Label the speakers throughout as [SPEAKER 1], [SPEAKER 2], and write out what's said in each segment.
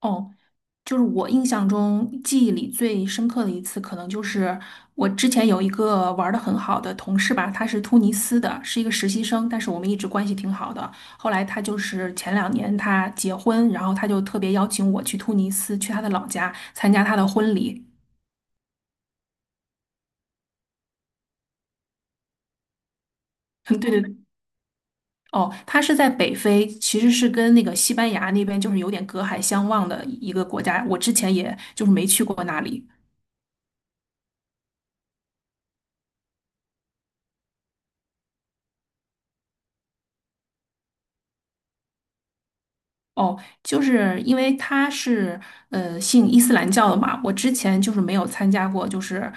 [SPEAKER 1] 哦，就是我印象中记忆里最深刻的一次，可能就是我之前有一个玩的很好的同事吧，他是突尼斯的，是一个实习生，但是我们一直关系挺好的。后来他就是前两年他结婚，然后他就特别邀请我去突尼斯，去他的老家参加他的婚礼。对对对。哦，他是在北非，其实是跟那个西班牙那边就是有点隔海相望的一个国家，我之前也就是没去过那里。哦，就是因为他是信伊斯兰教的嘛，我之前就是没有参加过，就是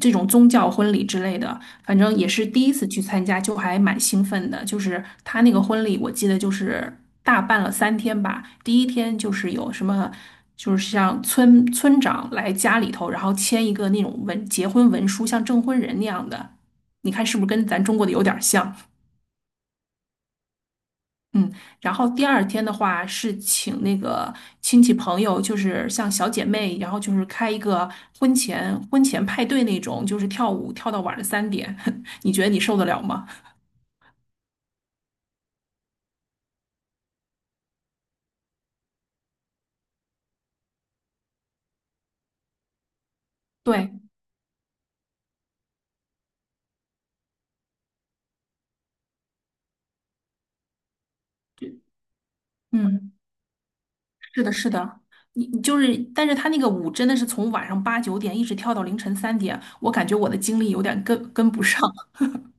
[SPEAKER 1] 这种宗教婚礼之类的，反正也是第一次去参加，就还蛮兴奋的。就是他那个婚礼，我记得就是大办了三天吧，第一天就是有什么，就是像村长来家里头，然后签一个那种结婚文书，像证婚人那样的，你看是不是跟咱中国的有点儿像？嗯，然后第二天的话是请那个亲戚朋友，就是像小姐妹，然后就是开一个婚前派对那种，就是跳舞跳到晚上三点，你觉得你受得了吗？对。嗯，是的，是的，你就是，但是他那个舞真的是从晚上8、9点一直跳到凌晨三点，我感觉我的精力有点跟不上。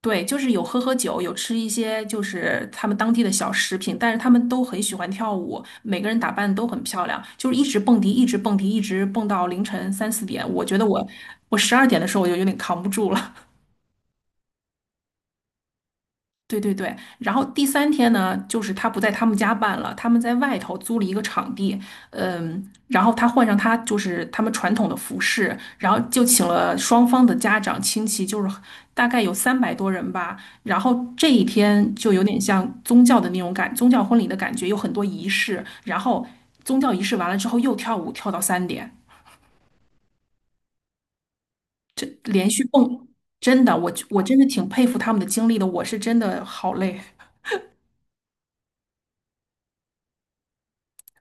[SPEAKER 1] 对，就是有喝喝酒，有吃一些就是他们当地的小食品，但是他们都很喜欢跳舞，每个人打扮都很漂亮，就是一直蹦迪，一直蹦迪，一直蹦到凌晨3、4点。我觉得我12点的时候我就有点扛不住了。对对对，然后第三天呢，就是他不在他们家办了，他们在外头租了一个场地，嗯，然后他换上他就是他们传统的服饰，然后就请了双方的家长亲戚，就是大概有300多人吧。然后这一天就有点像宗教婚礼的感觉，有很多仪式。然后宗教仪式完了之后又跳舞，跳到三点，这连续蹦，真的，我真的挺佩服他们的经历的，我是真的好累。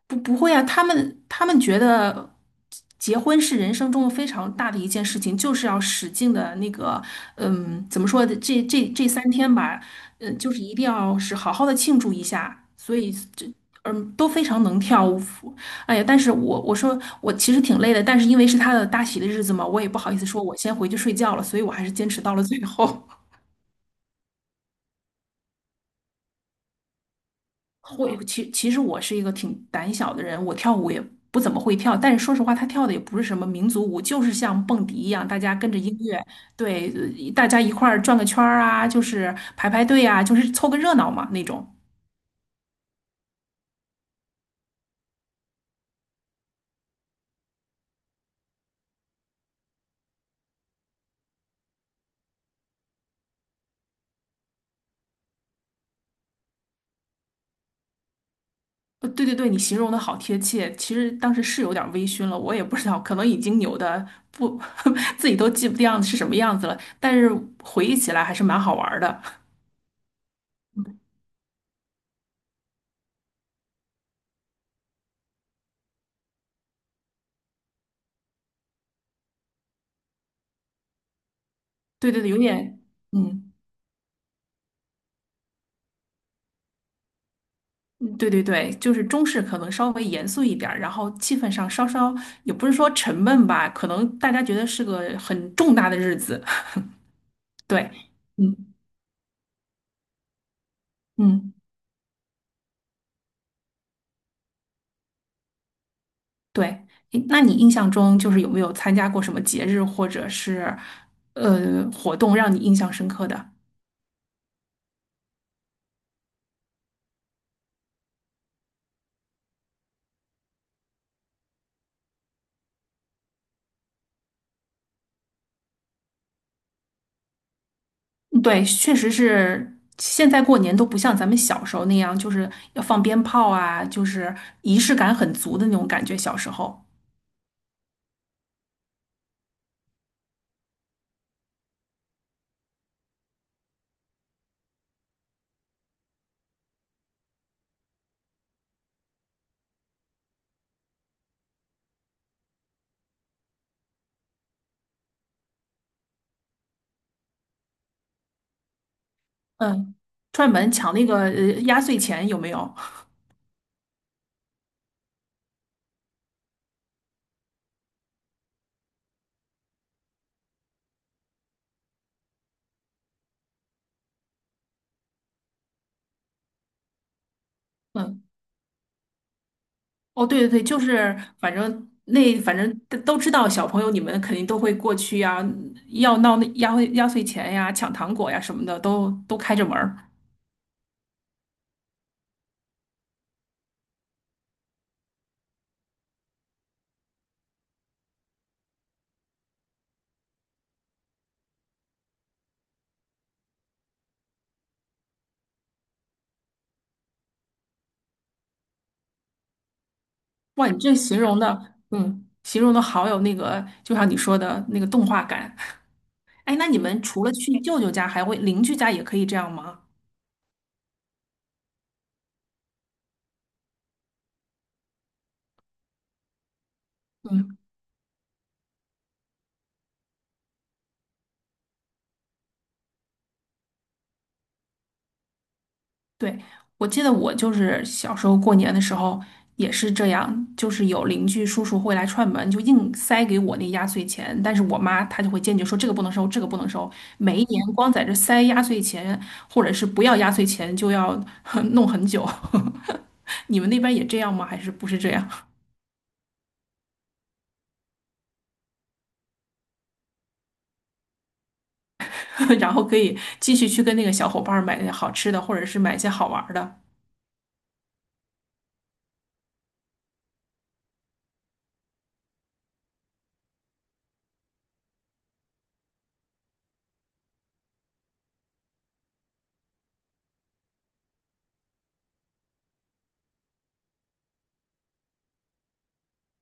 [SPEAKER 1] 不会啊，他们觉得结婚是人生中非常大的一件事情，就是要使劲的那个，嗯，怎么说的这三天吧，嗯，就是一定要是好好的庆祝一下，所以这。嗯，都非常能跳舞。哎呀，但是我说我其实挺累的，但是因为是他的大喜的日子嘛，我也不好意思说我先回去睡觉了，所以我还是坚持到了最后。会，其实我是一个挺胆小的人，我跳舞也不怎么会跳，但是说实话，他跳的也不是什么民族舞，就是像蹦迪一样，大家跟着音乐，对，大家一块儿转个圈儿啊，就是排排队啊，就是凑个热闹嘛那种。对对对，你形容的好贴切。其实当时是有点微醺了，我也不知道，可能已经扭的不 自己都记不掉是什么样子了，但是回忆起来还是蛮好玩儿的。对对对，有点，嗯。对对对，就是中式可能稍微严肃一点儿然后气氛上稍稍也不是说沉闷吧，可能大家觉得是个很重大的日子。对，嗯嗯，对。诶那你印象中就是有没有参加过什么节日或者是活动让你印象深刻的？嗯，对，确实是。现在过年都不像咱们小时候那样，就是要放鞭炮啊，就是仪式感很足的那种感觉。小时候，嗯，串门抢那个压岁钱有没有？嗯，哦，对对对，就是反正都知道，小朋友你们肯定都会过去呀，要闹那压岁钱呀、抢糖果呀什么的，都开着门儿。哇，你这形容的，嗯，形容的好有那个，就像你说的那个动画感。哎，那你们除了去舅舅家，还会邻居家也可以这样吗？嗯。对，我记得我就是小时候过年的时候也是这样，就是有邻居叔叔会来串门，就硬塞给我那压岁钱，但是我妈她就会坚决说这个不能收，这个不能收。每一年光在这塞压岁钱，或者是不要压岁钱就要 弄很久。你们那边也这样吗？还是不是这样？然后可以继续去跟那个小伙伴儿买好吃的，或者是买一些好玩儿的。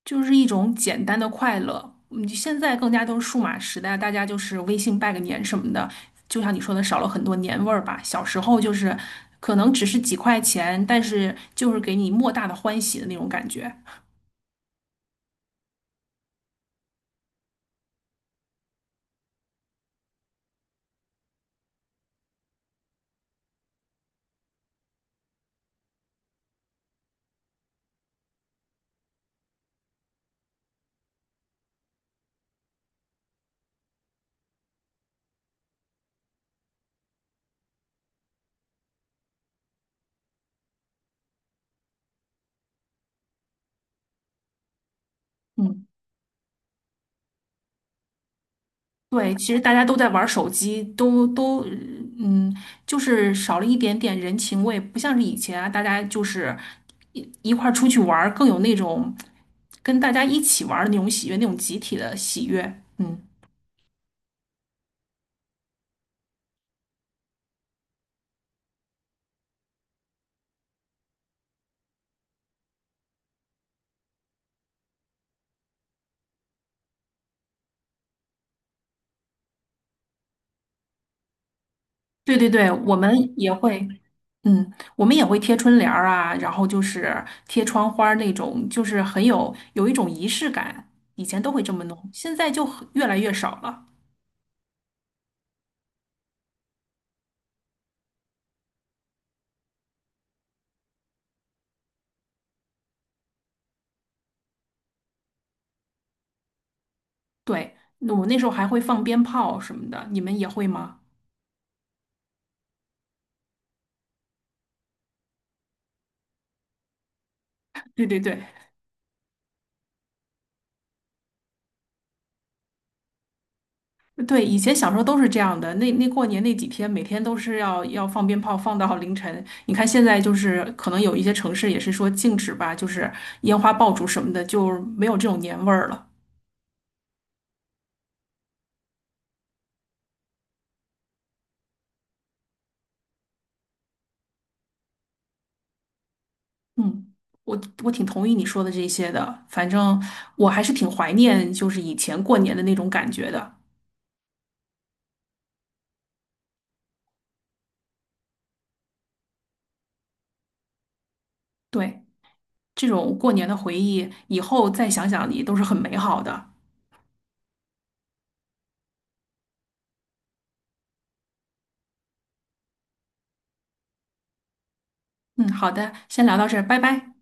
[SPEAKER 1] 就是一种简单的快乐。嗯，现在更加都是数码时代，大家就是微信拜个年什么的，就像你说的，少了很多年味儿吧。小时候就是可能只是几块钱，但是就是给你莫大的欢喜的那种感觉。嗯，对，其实大家都在玩手机，都都嗯，就是少了一点点人情味，不像是以前啊，大家就是一块儿出去玩儿，更有那种跟大家一起玩儿的那种喜悦，那种集体的喜悦。嗯。对对对，我们也会，嗯，我们也会贴春联儿啊，然后就是贴窗花儿那种，就是很有一种仪式感。以前都会这么弄，现在就很越来越少了。对，那我那时候还会放鞭炮什么的，你们也会吗？对对对对，以前小时候都是这样的。那过年那几天，每天都是要放鞭炮，放到凌晨。你看现在就是可能有一些城市也是说禁止吧，就是烟花爆竹什么的，就没有这种年味儿了。嗯，我挺同意你说的这些的，反正我还是挺怀念就是以前过年的那种感觉的。对，这种过年的回忆，以后再想想也都是很美好的。嗯，好的，先聊到这儿，拜拜。